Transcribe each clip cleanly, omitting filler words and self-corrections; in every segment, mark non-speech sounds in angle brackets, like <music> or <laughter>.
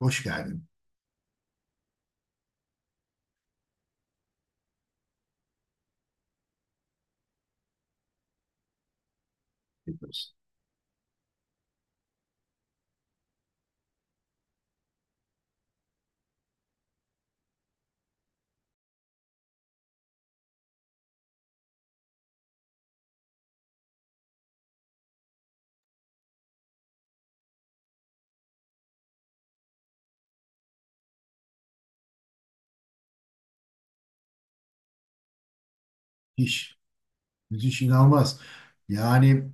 Hoş geldin Firdevs. Müthiş. Müthiş inanılmaz. Yani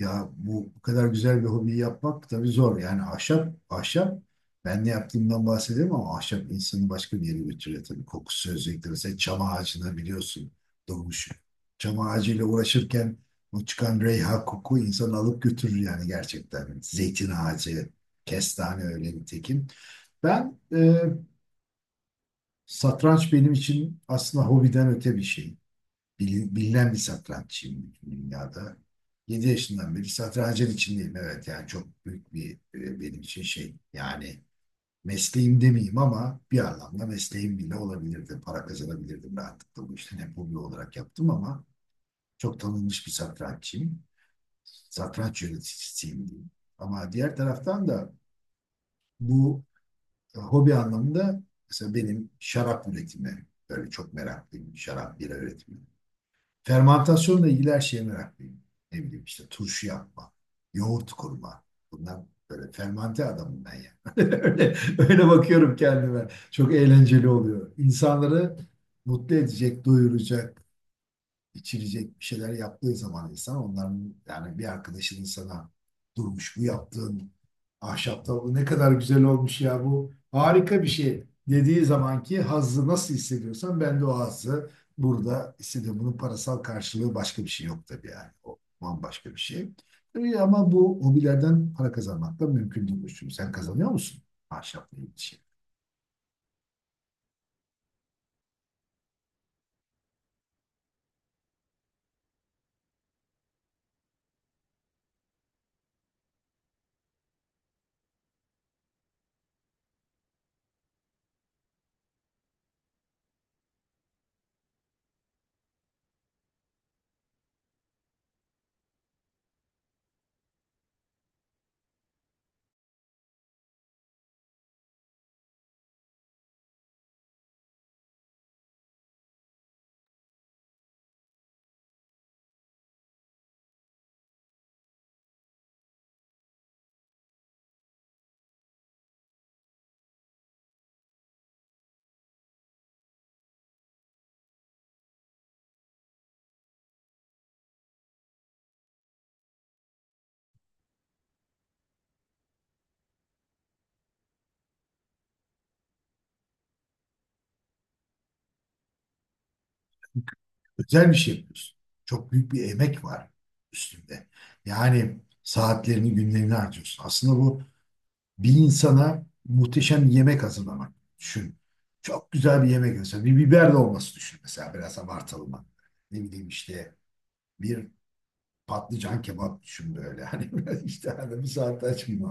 ya bu kadar güzel bir hobiyi yapmak tabii zor. Yani ahşap ben ne yaptığımdan bahsedeyim ama ahşap insanı başka bir yere götürüyor tabii. Kokusu özellikle mesela çam ağacına biliyorsun doğmuş. Çam ağacıyla uğraşırken o çıkan reyha koku insanı alıp götürür yani gerçekten. Zeytin ağacı, kestane öyle nitekim. Ben satranç benim için aslında hobiden öte bir şey. Bilinen bir satranççıyım dünyada. 7 yaşından beri satrancın içindeyim. Evet yani çok büyük bir benim için şey. Yani mesleğim demeyeyim ama bir anlamda mesleğim bile olabilirdi. Para kazanabilirdim rahatlıkla bu işten. Hep hobi olarak yaptım ama çok tanınmış bir satranççıyım. Satranç yöneticisiyim diyeyim. Ama diğer taraftan da bu hobi anlamında mesela benim şarap üretimi böyle çok meraklıyım. Şarap, bira üretimi. Fermantasyonla ilgili her şeye meraklıyım. Ne bileyim işte turşu yapma, yoğurt kurma. Bunlar böyle fermante adamım ben yani. <laughs> Öyle, öyle bakıyorum kendime. Çok eğlenceli oluyor. İnsanları mutlu edecek, doyuracak, içilecek bir şeyler yaptığı zaman insan onların yani bir arkadaşının sana durmuş bu yaptığın ahşap tavuğu ne kadar güzel olmuş ya bu harika bir şey dediği zamanki hazzı nasıl hissediyorsan ben de o hazzı burada hissediyorum. Bunun parasal karşılığı başka bir şey yok tabii yani. O bambaşka bir şey. Tabii ama bu hobilerden para kazanmak da mümkün değil. Çünkü sen kazanıyor musun ahşapla ilgili şey? Özel bir şey yapıyorsun. Çok büyük bir emek var üstünde. Yani saatlerini, günlerini harcıyorsun. Aslında bu bir insana muhteşem bir yemek hazırlamak. Düşün. Çok güzel bir yemek mesela. Bir biber dolması düşün mesela biraz abartalım. Ne bileyim işte bir patlıcan kebap düşün böyle. <laughs> Hani böyle işte hani bir saat aç gibi.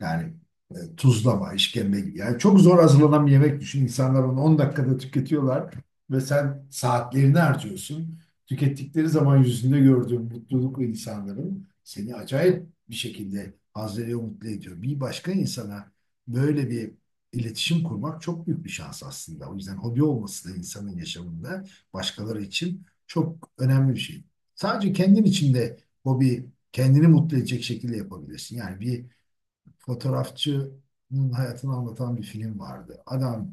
Yani tuzlama, işkembe gibi. Yani çok zor hazırlanan bir yemek düşün. İnsanlar onu 10 dakikada tüketiyorlar ve sen saatlerini harcıyorsun. Tükettikleri zaman yüzünde gördüğün mutluluk ve insanların seni acayip bir şekilde haz veriyor, mutlu ediyor. Bir başka insana böyle bir iletişim kurmak çok büyük bir şans aslında. O yüzden hobi olması da insanın yaşamında başkaları için çok önemli bir şey. Sadece kendin için de hobi kendini mutlu edecek şekilde yapabilirsin. Yani bir fotoğrafçının hayatını anlatan bir film vardı. Adam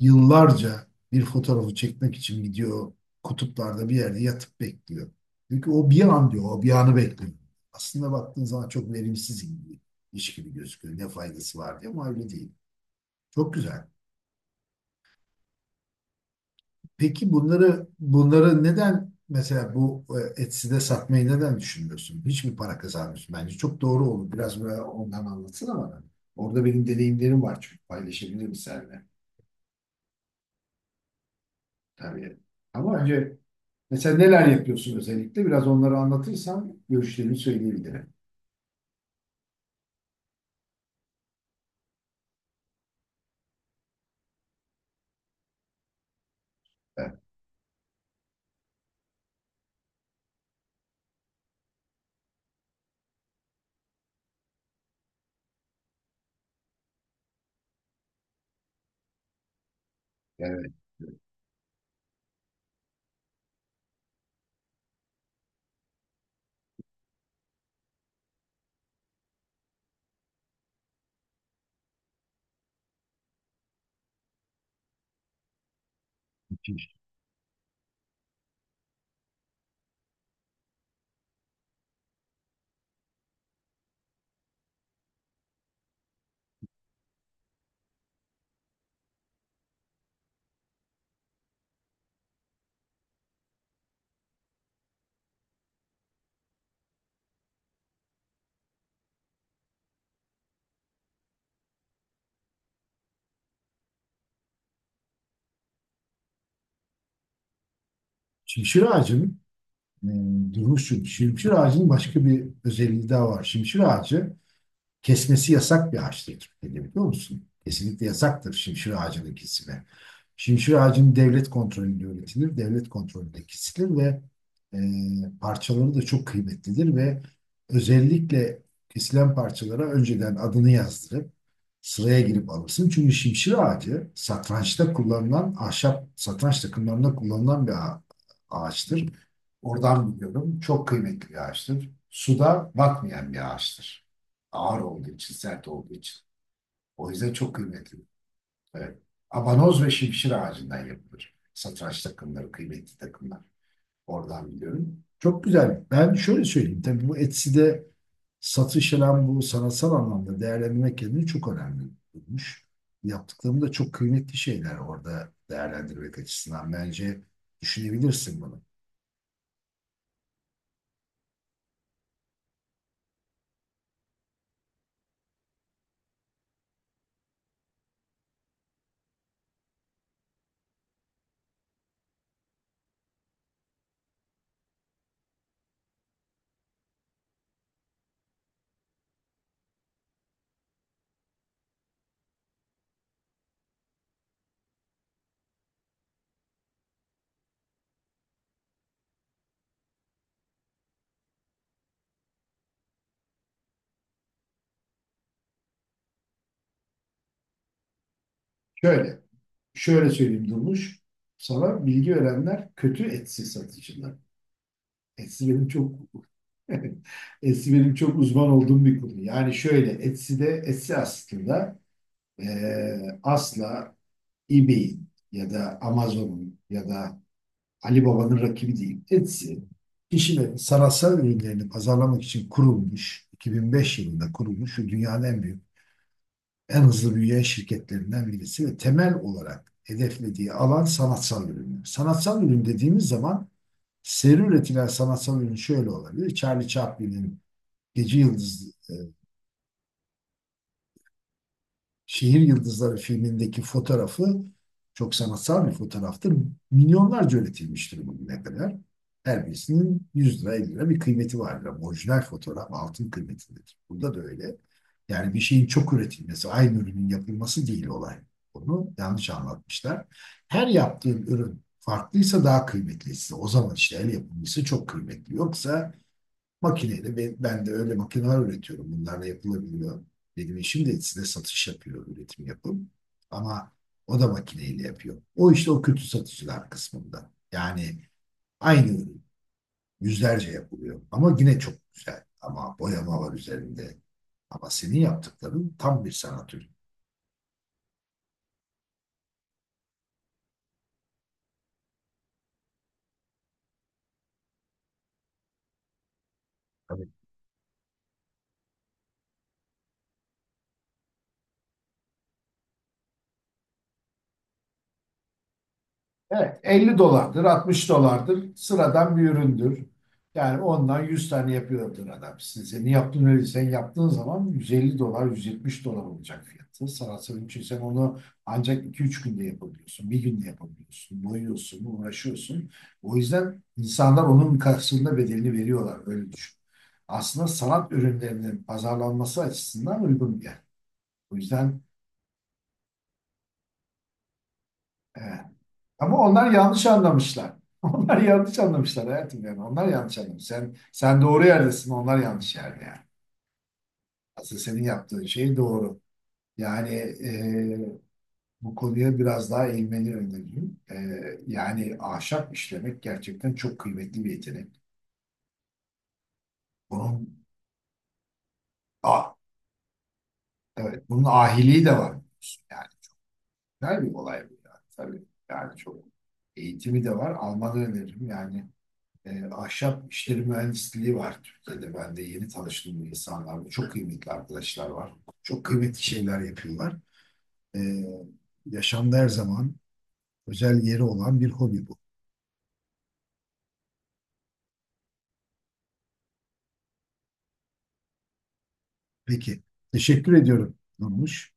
yıllarca bir fotoğrafı çekmek için gidiyor kutuplarda bir yerde yatıp bekliyor. Çünkü o bir an diyor, o bir anı bekliyor. Aslında baktığın zaman çok verimsiz gibi, iş gibi gözüküyor. Ne faydası var diye ama öyle değil. Çok güzel. Peki bunları neden mesela bu Etsy'de satmayı neden düşünmüyorsun? Hiç mi para kazanmıyorsun? Bence çok doğru olur. Biraz böyle ondan anlatsana bana. Orada benim deneyimlerim var çünkü paylaşabilirim seninle tabii. Ama önce mesela neler yapıyorsun özellikle? Biraz onları anlatırsan görüşlerimi söyleyebilirim. Evet, evet. Şimşir ağacının durmuş çünkü. Şimşir ağacının başka bir özelliği daha var. Şimşir ağacı kesmesi yasak bir ağaçtır Türkiye'de, biliyor musun? Kesinlikle yasaktır şimşir ağacının kesimi. Şimşir ağacının devlet kontrolünde üretilir, devlet kontrolünde kesilir ve e, parçaları da çok kıymetlidir ve özellikle kesilen parçalara önceden adını yazdırıp sıraya girip alırsın. Çünkü şimşir ağacı satrançta kullanılan ahşap satranç takımlarında kullanılan bir ağaçtır. Oradan biliyorum. Çok kıymetli bir ağaçtır. Suda batmayan bir ağaçtır. Ağır olduğu için, sert olduğu için. O yüzden çok kıymetli. Evet. Abanoz ve şimşir ağacından yapılır. Satranç takımları, kıymetli takımlar. Oradan biliyorum. Çok güzel. Ben şöyle söyleyeyim. Tabii bu Etsy'de satış hem bu sanatsal anlamda değerlendirmek kendini çok önemli bulmuş. Yaptıklarım da çok kıymetli şeyler orada değerlendirmek açısından. Bence düşünebilirsin bunu. Şöyle, şöyle söyleyeyim Durmuş. Sana bilgi verenler kötü etsi satıcılar. Etsi benim çok <laughs> etsi benim çok uzman olduğum bir konu. Yani şöyle Etsy'de Etsy aslında asla eBay'in ya da Amazon'un ya da Ali Baba'nın rakibi değil. Etsy, kişinin sanatsal ürünlerini pazarlamak için kurulmuş, 2005 yılında kurulmuş ve dünyanın en büyük, en hızlı büyüyen şirketlerinden birisi ve temel olarak hedeflediği alan sanatsal ürünler. Sanatsal ürün dediğimiz zaman seri üretilen sanatsal ürün şöyle olabilir. Charlie Chaplin'in Gece Yıldız e, Şehir Yıldızları filmindeki fotoğrafı çok sanatsal bir fotoğraftır. Milyonlarca üretilmiştir bugüne kadar. Her birisinin 100 lira 50 lira bir kıymeti vardır. Ama orijinal fotoğraf altın kıymetindedir. Burada da öyle. Yani bir şeyin çok üretilmesi, aynı ürünün yapılması değil olay. Onu yanlış anlatmışlar. Her yaptığın ürün farklıysa daha kıymetlisi. O zaman işte el yapımcısı çok kıymetli. Yoksa makineyle ben de öyle makineler üretiyorum. Bunlarla yapılabiliyor. Benim işim de size satış yapıyor, üretim yapım. Ama o da makineyle yapıyor. O işte o kötü satıcılar kısmında. Yani aynı ürün yüzlerce yapılıyor. Ama yine çok güzel. Ama boyama var üzerinde. Ama senin yaptıkların tam bir sanat ürünü. Evet, 50 dolardır, 60 dolardır. Sıradan bir üründür. Yani ondan 100 tane yapıyordur adam. Size ne yaptın öyle sen yaptığın zaman 150 dolar, 170 dolar olacak fiyatı. Sanatsal için sen onu ancak 2-3 günde yapabiliyorsun. Bir günde yapabiliyorsun. Boyuyorsun, uğraşıyorsun. O yüzden insanlar onun karşılığında bedelini veriyorlar. Öyle düşün. Aslında sanat ürünlerinin pazarlanması açısından uygun bir yer. O yüzden evet. Ama onlar yanlış anlamışlar. <laughs> Onlar yanlış anlamışlar hayatım yani. Onlar yanlış anlamış. Sen, sen doğru yerdesin, onlar yanlış yerde yani. Aslında senin yaptığın şey doğru. Yani bu konuya biraz daha eğilmeni öneririm. Yani ahşap işlemek gerçekten çok kıymetli bir yetenek. Bunun, ah, evet, bunun ahiliği de var. Yani güzel bir olay bu yani. Tabii yani çok eğitimi de var. Almanı öneririm yani. Ahşap işleri mühendisliği var Türkiye'de. Ben de yeni tanıştığım insanlarla çok kıymetli arkadaşlar var. Çok kıymetli şeyler yapıyorlar. E, yaşamda her zaman özel yeri olan bir hobi bu. Peki, teşekkür ediyorum Nurmuş.